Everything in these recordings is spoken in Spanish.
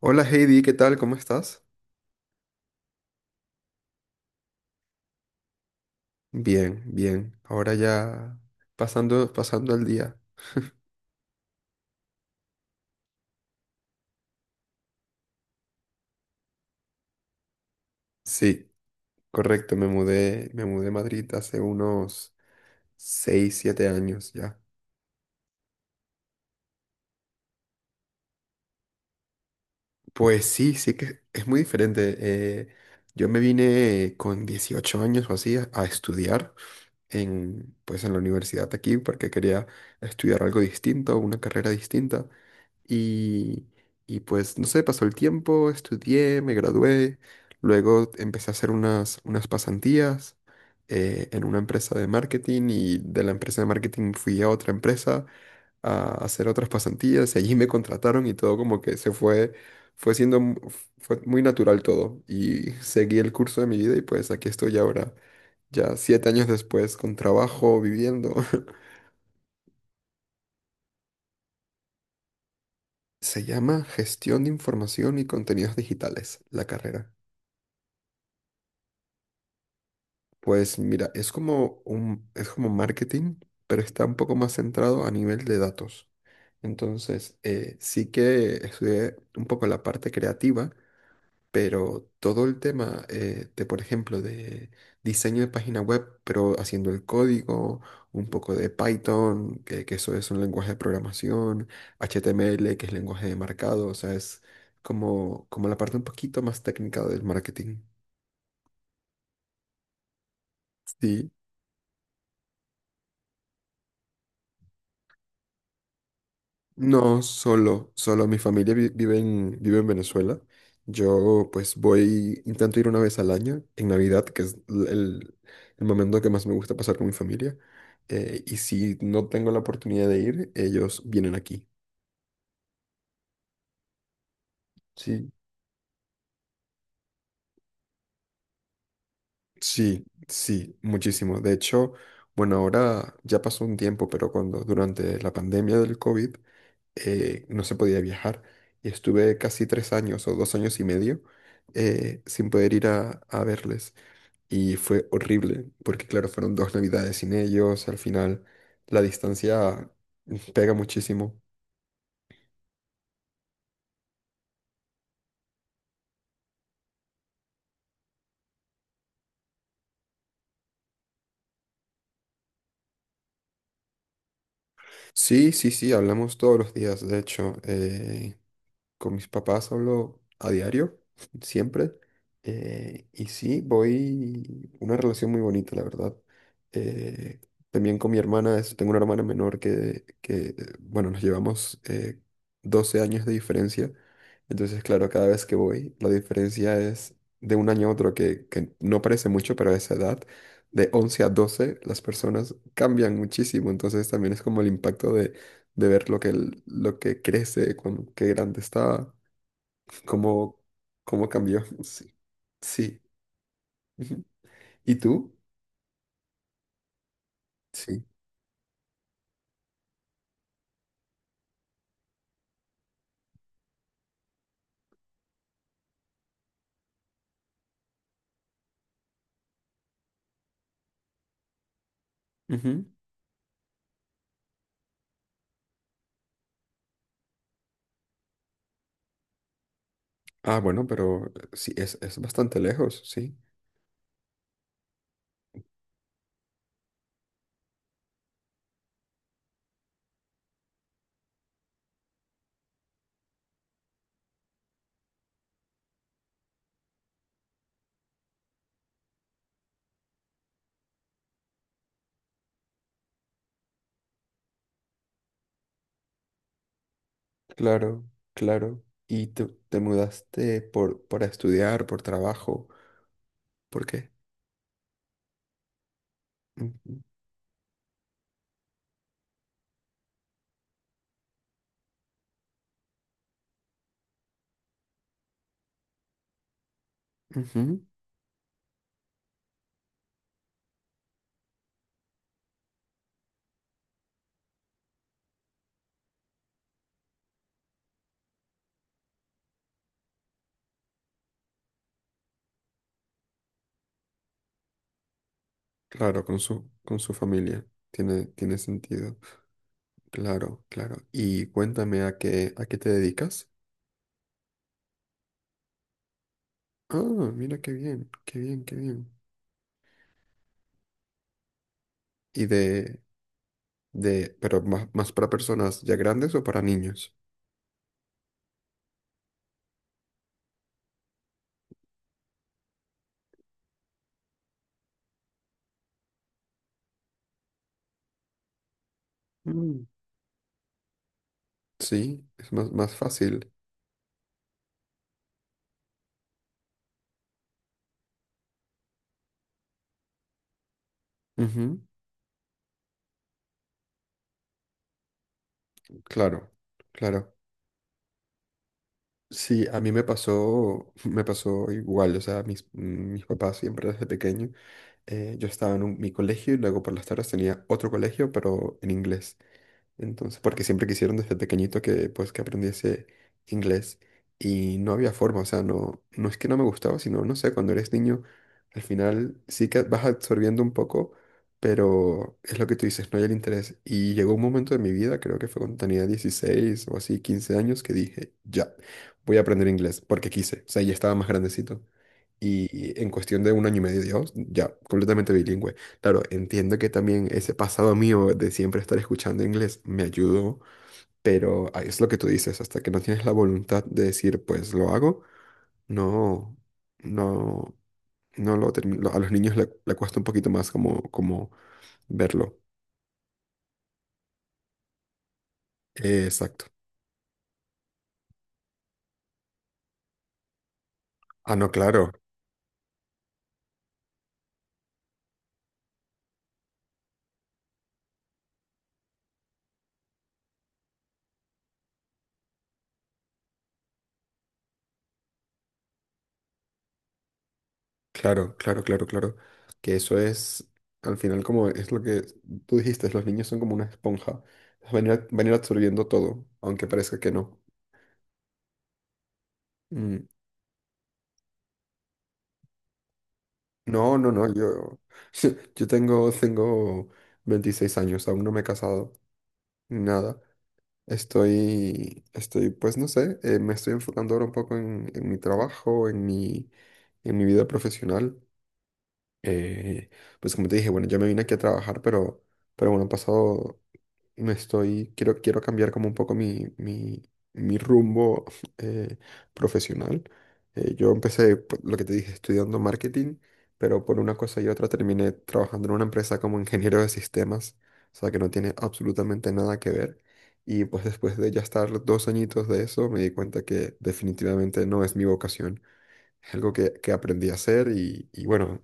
Hola Heidi, ¿qué tal? ¿Cómo estás? Bien, bien. Ahora ya pasando el día. Sí, correcto, me mudé a Madrid hace unos 6, 7 años ya. Pues sí, sí que es muy diferente. Yo me vine con 18 años o así a estudiar en, pues en la universidad aquí porque quería estudiar algo distinto, una carrera distinta. Y, y pues, no sé, pasó el tiempo, estudié, me gradué, luego empecé a hacer unas pasantías en una empresa de marketing, y de la empresa de marketing fui a otra empresa a hacer otras pasantías y allí me contrataron y todo como que se fue, fue siendo, mu- fue muy natural todo y seguí el curso de mi vida y pues aquí estoy ahora, ya siete años después, con trabajo, viviendo. Se llama Gestión de Información y Contenidos Digitales, la carrera. Pues mira, es como marketing, pero está un poco más centrado a nivel de datos. Entonces, sí que estudié un poco la parte creativa, pero todo el tema por ejemplo, de diseño de página web, pero haciendo el código, un poco de Python, que eso es un lenguaje de programación, HTML, que es lenguaje de marcado, o sea, es como la parte un poquito más técnica del marketing. Sí. No, solo mi familia vive vive en Venezuela. Yo pues voy, intento ir una vez al año, en Navidad, que es el momento que más me gusta pasar con mi familia. Y si no tengo la oportunidad de ir, ellos vienen aquí. Sí, sí, sí, muchísimo. De hecho, bueno, ahora ya pasó un tiempo, pero cuando durante la pandemia del COVID no se podía viajar y estuve casi tres años o dos años y medio sin poder ir a verles. Y fue horrible, porque claro, fueron dos navidades sin ellos, al final la distancia pega muchísimo. Sí, sí, sí, hablamos todos los días, de hecho. Con mis papás hablo a diario, siempre. Y sí, voy una relación muy bonita, la verdad. Eh, También con mi hermana, tengo una hermana menor que, bueno, nos llevamos 12 años de diferencia. Entonces, claro, cada vez que voy, la diferencia es de un año a otro, que no parece mucho, pero a esa edad, de 11 a 12, las personas cambian muchísimo. Entonces, también es como el impacto de ver lo que crece, qué grande está, cómo, cómo cambió. Sí. Sí. Ujú. ¿Y tú? Sí. Ujú. Ah, bueno, pero sí, es bastante lejos, sí. Claro, claro. ¿Y te mudaste por, para estudiar, por trabajo? ¿Por qué? Ujú, ujú. Claro, con con su familia. Tiene, tiene sentido. Claro, claro. Y cuéntame a a qué te dedicas. Ah, mira qué bien, qué bien, qué bien. y de, pero más, más para personas ya grandes o para niños. Mm. Sí, es más, más fácil. Ujú, claro, claro. Sí, a mí me pasó, me pasó igual, o sea, mis papás siempre desde pequeño, yo estaba en mi colegio y luego por las tardes tenía otro colegio, pero en inglés. Entonces, porque siempre quisieron desde pequeñito que pues que aprendiese inglés y no había forma, o sea, no, no es que no me gustaba, sino, no sé, cuando eres niño, al final sí que vas absorbiendo un poco, pero es lo que tú dices, no hay el interés. Y llegó un momento de mi vida, creo que fue cuando tenía 16 o así, 15 años, que dije, ya, voy a aprender inglés, porque quise, o sea, ya estaba más grandecito. Y en cuestión de un año y medio, Dios, ya, completamente bilingüe. Claro, entiendo que también ese pasado mío de siempre estar escuchando inglés me ayudó, pero ahí es lo que tú dices, hasta que no tienes la voluntad de decir, pues lo hago, no, no, no lo termino. A los niños le cuesta un poquito más como, como verlo. Exacto. Ah, no, claro, claro, claro, claro, claro. Que eso es, al final, como es lo que tú dijiste, los niños son como una esponja, van a ir absorbiendo todo, aunque parezca que no. Mm. No, no, no, yo, yo tengo, tengo 26 años, aún no me he casado, ni nada. Estoy, estoy, pues no sé, me estoy enfocando ahora un poco en mi trabajo, en mi vida profesional. Eh, pues como te dije, bueno, yo me vine aquí a trabajar, pero bueno, han pasado me estoy, quiero cambiar como un poco mi rumbo eh, profesional. Yo empecé, lo que te dije, estudiando marketing, pero por una cosa y otra terminé trabajando en una empresa como ingeniero de sistemas, o sea que no tiene absolutamente nada que ver. Y pues después de ya estar dos añitos de eso, me di cuenta que definitivamente no es mi vocación. Es algo que aprendí a hacer y bueno,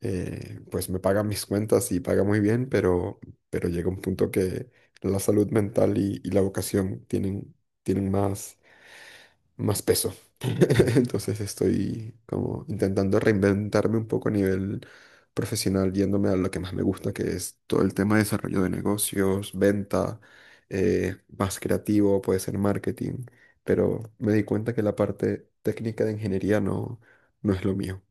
pues me paga mis cuentas y paga muy bien, pero llega un punto que la salud mental y la vocación tienen más, más peso. Entonces estoy como intentando reinventarme un poco a nivel profesional, yéndome a lo que más me gusta, que es todo el tema de desarrollo de negocios, venta, más creativo, puede ser marketing, pero me di cuenta que la parte técnica de ingeniería no, no es lo mío.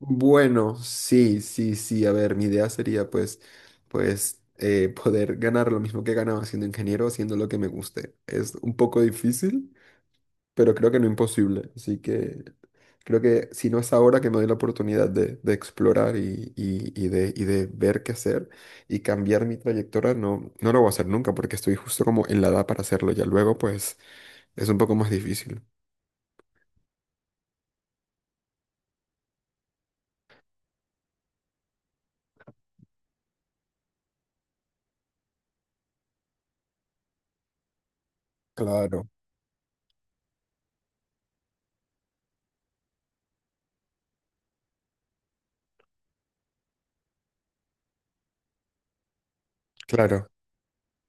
Bueno, sí, sí, sí. A ver, mi idea sería pues, pues, poder ganar lo mismo que ganaba siendo ingeniero, haciendo lo que me guste. Es un poco difícil, pero creo que no imposible. Así que creo que si no es ahora que me doy la oportunidad de explorar y de ver qué hacer y cambiar mi trayectoria, no, no lo voy a hacer nunca porque estoy justo como en la edad para hacerlo. Ya luego pues es un poco más difícil. Claro, claro.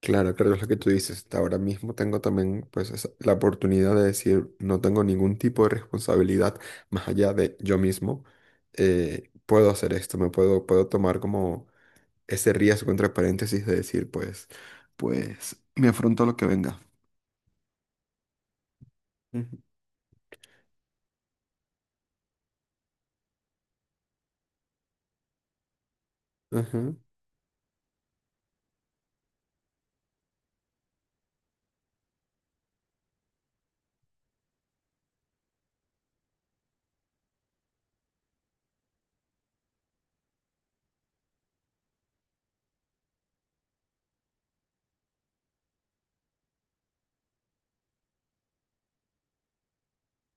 Claro, claro, es lo que tú dices. Ahora mismo tengo también pues la oportunidad de decir, no tengo ningún tipo de responsabilidad más allá de yo mismo. Puedo hacer esto, me puedo, puedo tomar como ese riesgo entre paréntesis de decir, pues, pues, me afronto a lo que venga. Ujú. Ajá,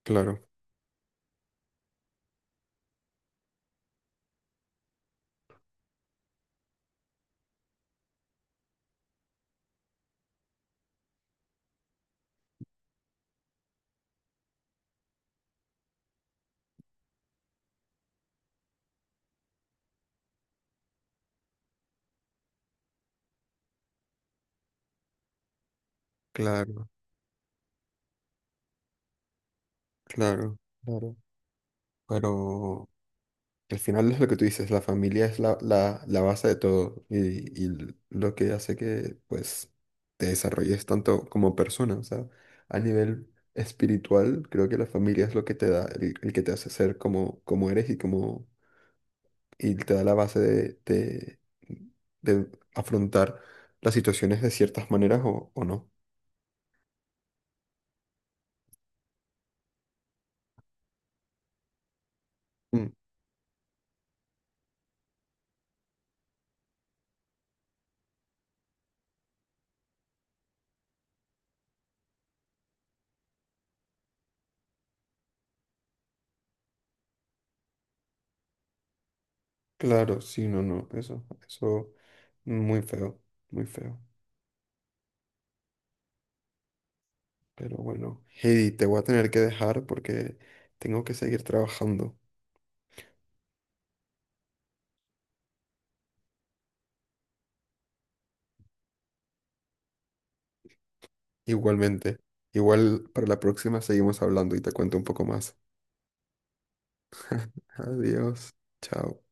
claro, claro, claro, claro. Pero al final es lo que tú dices, la familia es la base de todo y lo que hace que pues te desarrolles tanto como persona, o sea, a nivel espiritual creo que la familia es lo que te da, el que te hace ser como, como eres y como y te da la base de afrontar las situaciones de ciertas maneras o no. Mm, claro, sí, no, no, eso muy feo, muy feo. Pero bueno, Heidi, te voy a tener que dejar porque tengo que seguir trabajando. Igualmente. Igual para la próxima seguimos hablando y te cuento un poco más. Adiós. Chao.